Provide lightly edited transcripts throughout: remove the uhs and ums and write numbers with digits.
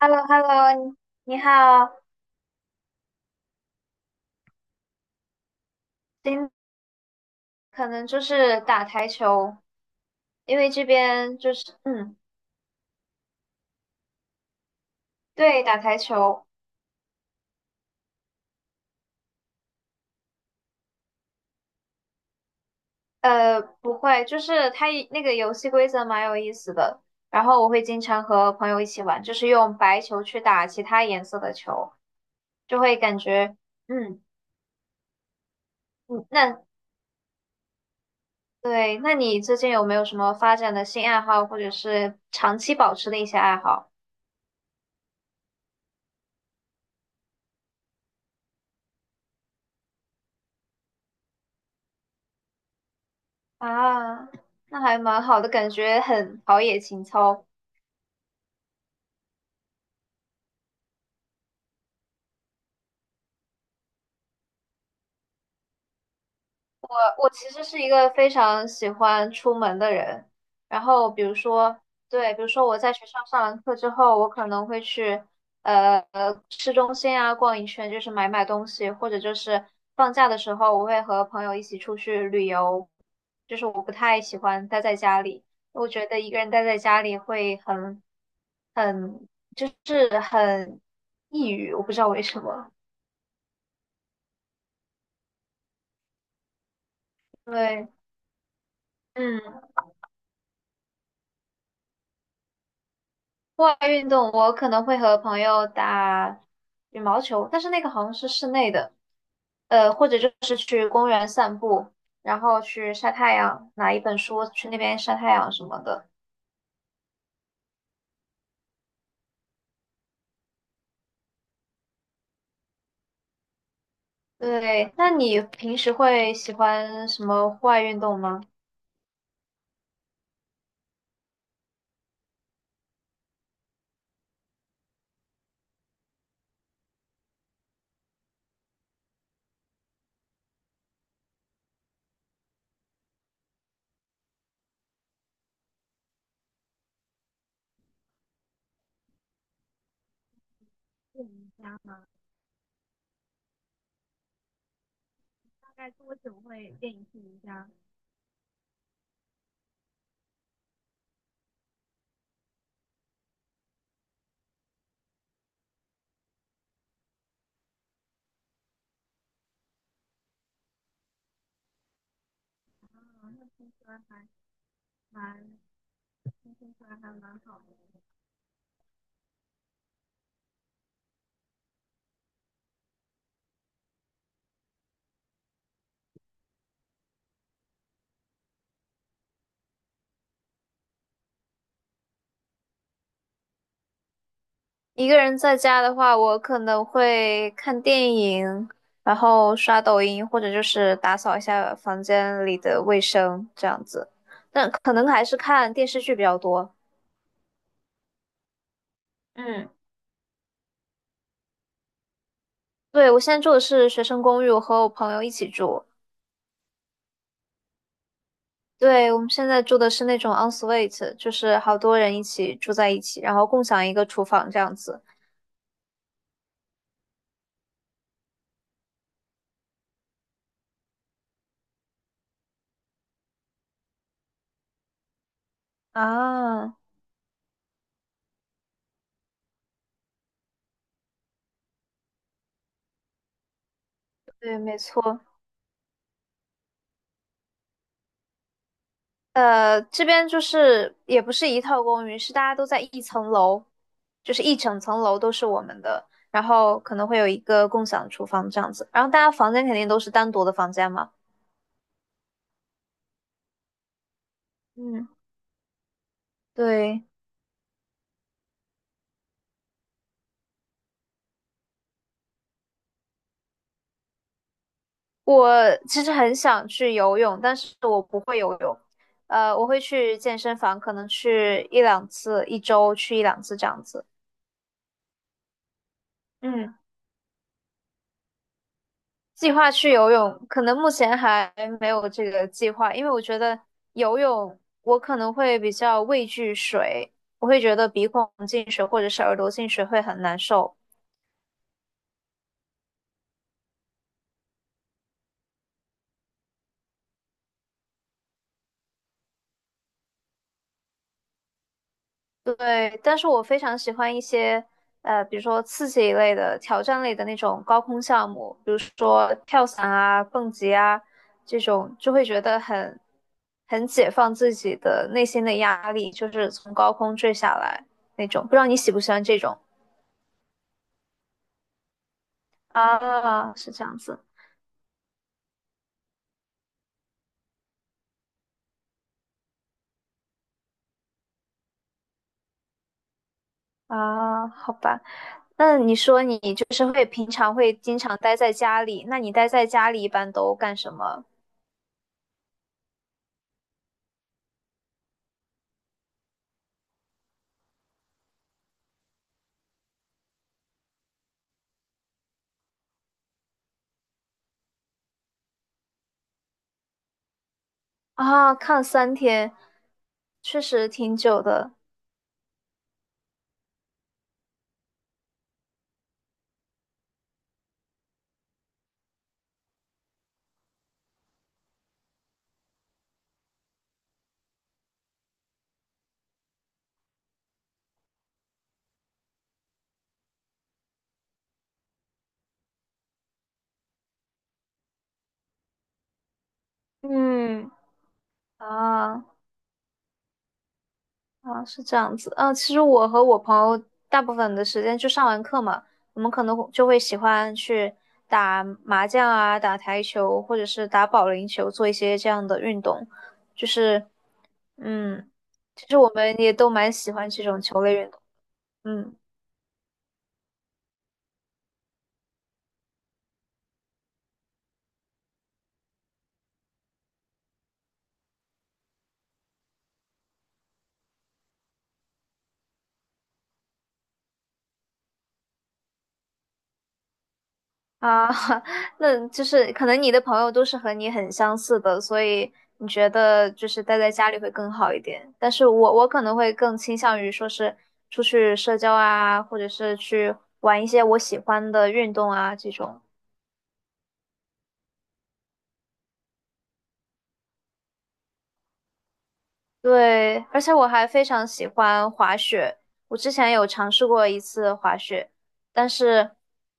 h e l l o hello 你好。今可能就是打台球，因为这边就是对，打台球。不会，就是它一那个游戏规则蛮有意思的。然后我会经常和朋友一起玩，就是用白球去打其他颜色的球，就会感觉嗯嗯，那对，那你最近有没有什么发展的新爱好，或者是长期保持的一些爱好啊？那还蛮好的，感觉很陶冶情操。我我其实是一个非常喜欢出门的人，然后比如说，对，比如说我在学校上完课之后，我可能会去市中心啊逛一圈，就是买买东西，或者就是放假的时候，我会和朋友一起出去旅游，就是我不太喜欢待在家里，我觉得一个人待在家里会很很就是很抑郁，我不知道为什么，对，嗯户外运动，我可能会和朋友打羽毛球，但是那个好像是室内的，或者就是去公园散步，然后去晒太阳，拿一本书去那边晒太阳什么的。对，那你平时会喜欢什么户外运动吗？练一下，大概多久会练一次瑜伽？蛮轻松的，还蛮好的。一个人在家的话，我可能会看电影，然后刷抖音，或者就是打扫一下房间里的卫生这样子。但可能还是看电视剧比较多。嗯，对，我现在住的是学生公寓，我和我朋友一起住。对，我们现在住的是那种 onsuite 就是好多人一起住在一起，然后共享一个厨房这样子。啊，对，没错。这边就是也不是一套公寓，是大家都在一层楼，就是一整层楼都是我们的，然后可能会有一个共享厨房这样子，然后大家房间肯定都是单独的房间嘛。嗯，对，我其实很想去游泳，但是我不会游泳，我会去健身房，可能去一两次，一周去一两次这样子。嗯。计划去游泳，可能目前还没有这个计划，因为我觉得游泳我可能会比较畏惧水，我会觉得鼻孔进水或者是耳朵进水会很难受。对，但是我非常喜欢一些比如说刺激一类的、挑战类的那种高空项目，比如说跳伞啊、蹦极啊这种，就会觉得很解放自己的内心的压力，就是从高空坠下来那种。不知道你喜不喜欢这种？啊，是这样子啊，好吧。那你说你就是会平常会经常待在家里，那你待在家里一般都干什么啊？看3天，确实挺久的。嗯啊，啊，是这样子。嗯，其实我和我朋友大部分的时间就上完课嘛，我们可能就会喜欢去打麻将啊、打台球，或者是打保龄球，做一些这样的运动。就是，嗯，其实我们也都蛮喜欢这种球类运动。嗯。啊，那就是可能你的朋友都是和你很相似的，所以你觉得就是待在家里会更好一点。但是我可能会更倾向于说是出去社交啊，或者是去玩一些我喜欢的运动啊这种。对，而且我还非常喜欢滑雪。我之前有尝试过一次滑雪，但是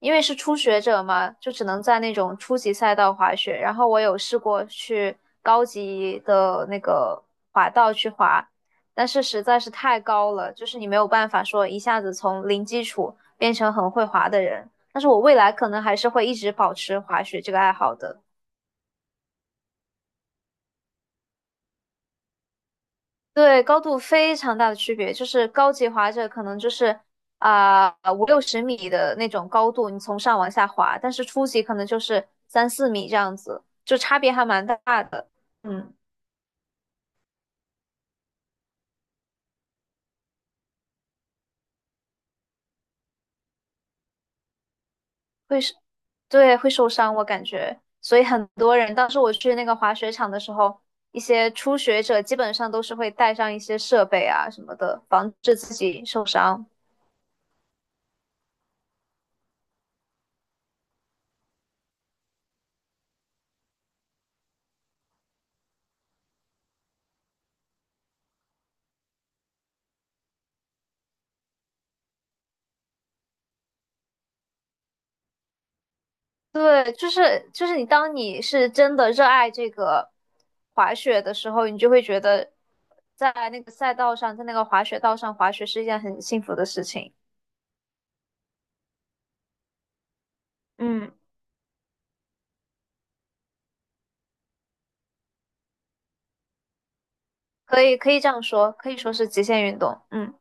因为是初学者嘛，就只能在那种初级赛道滑雪。然后我有试过去高级的那个滑道去滑，但是实在是太高了，就是你没有办法说一下子从零基础变成很会滑的人。但是我未来可能还是会一直保持滑雪这个爱好的。对，高度非常大的区别，就是高级滑者可能就是啊56十米的那种高度，你从上往下滑，但是初级可能就是3~4米这样子，就差别还蛮大的。嗯，会是，对，会受伤，我感觉。所以很多人，当时我去那个滑雪场的时候，一些初学者基本上都是会带上一些设备啊什么的，防止自己受伤。对，就是你，当你是真的热爱这个滑雪的时候，你就会觉得在那个赛道上，在那个滑雪道上滑雪是一件很幸福的事情，嗯可以可以这样说，可以说是极限运动。嗯，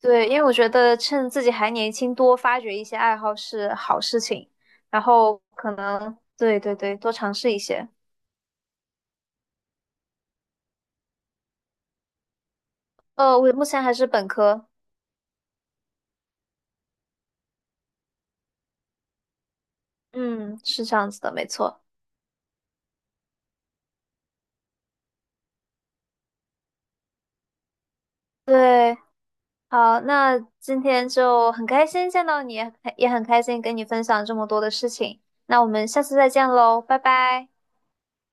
对，因为我觉得趁自己还年轻，多发掘一些爱好是好事情，然后可能对对对，多尝试一些。我目前还是本科，嗯，是这样子的，没错。对。好，那今天就很开心见到你，也很开心跟你分享这么多的事情。那我们下次再见喽，拜拜。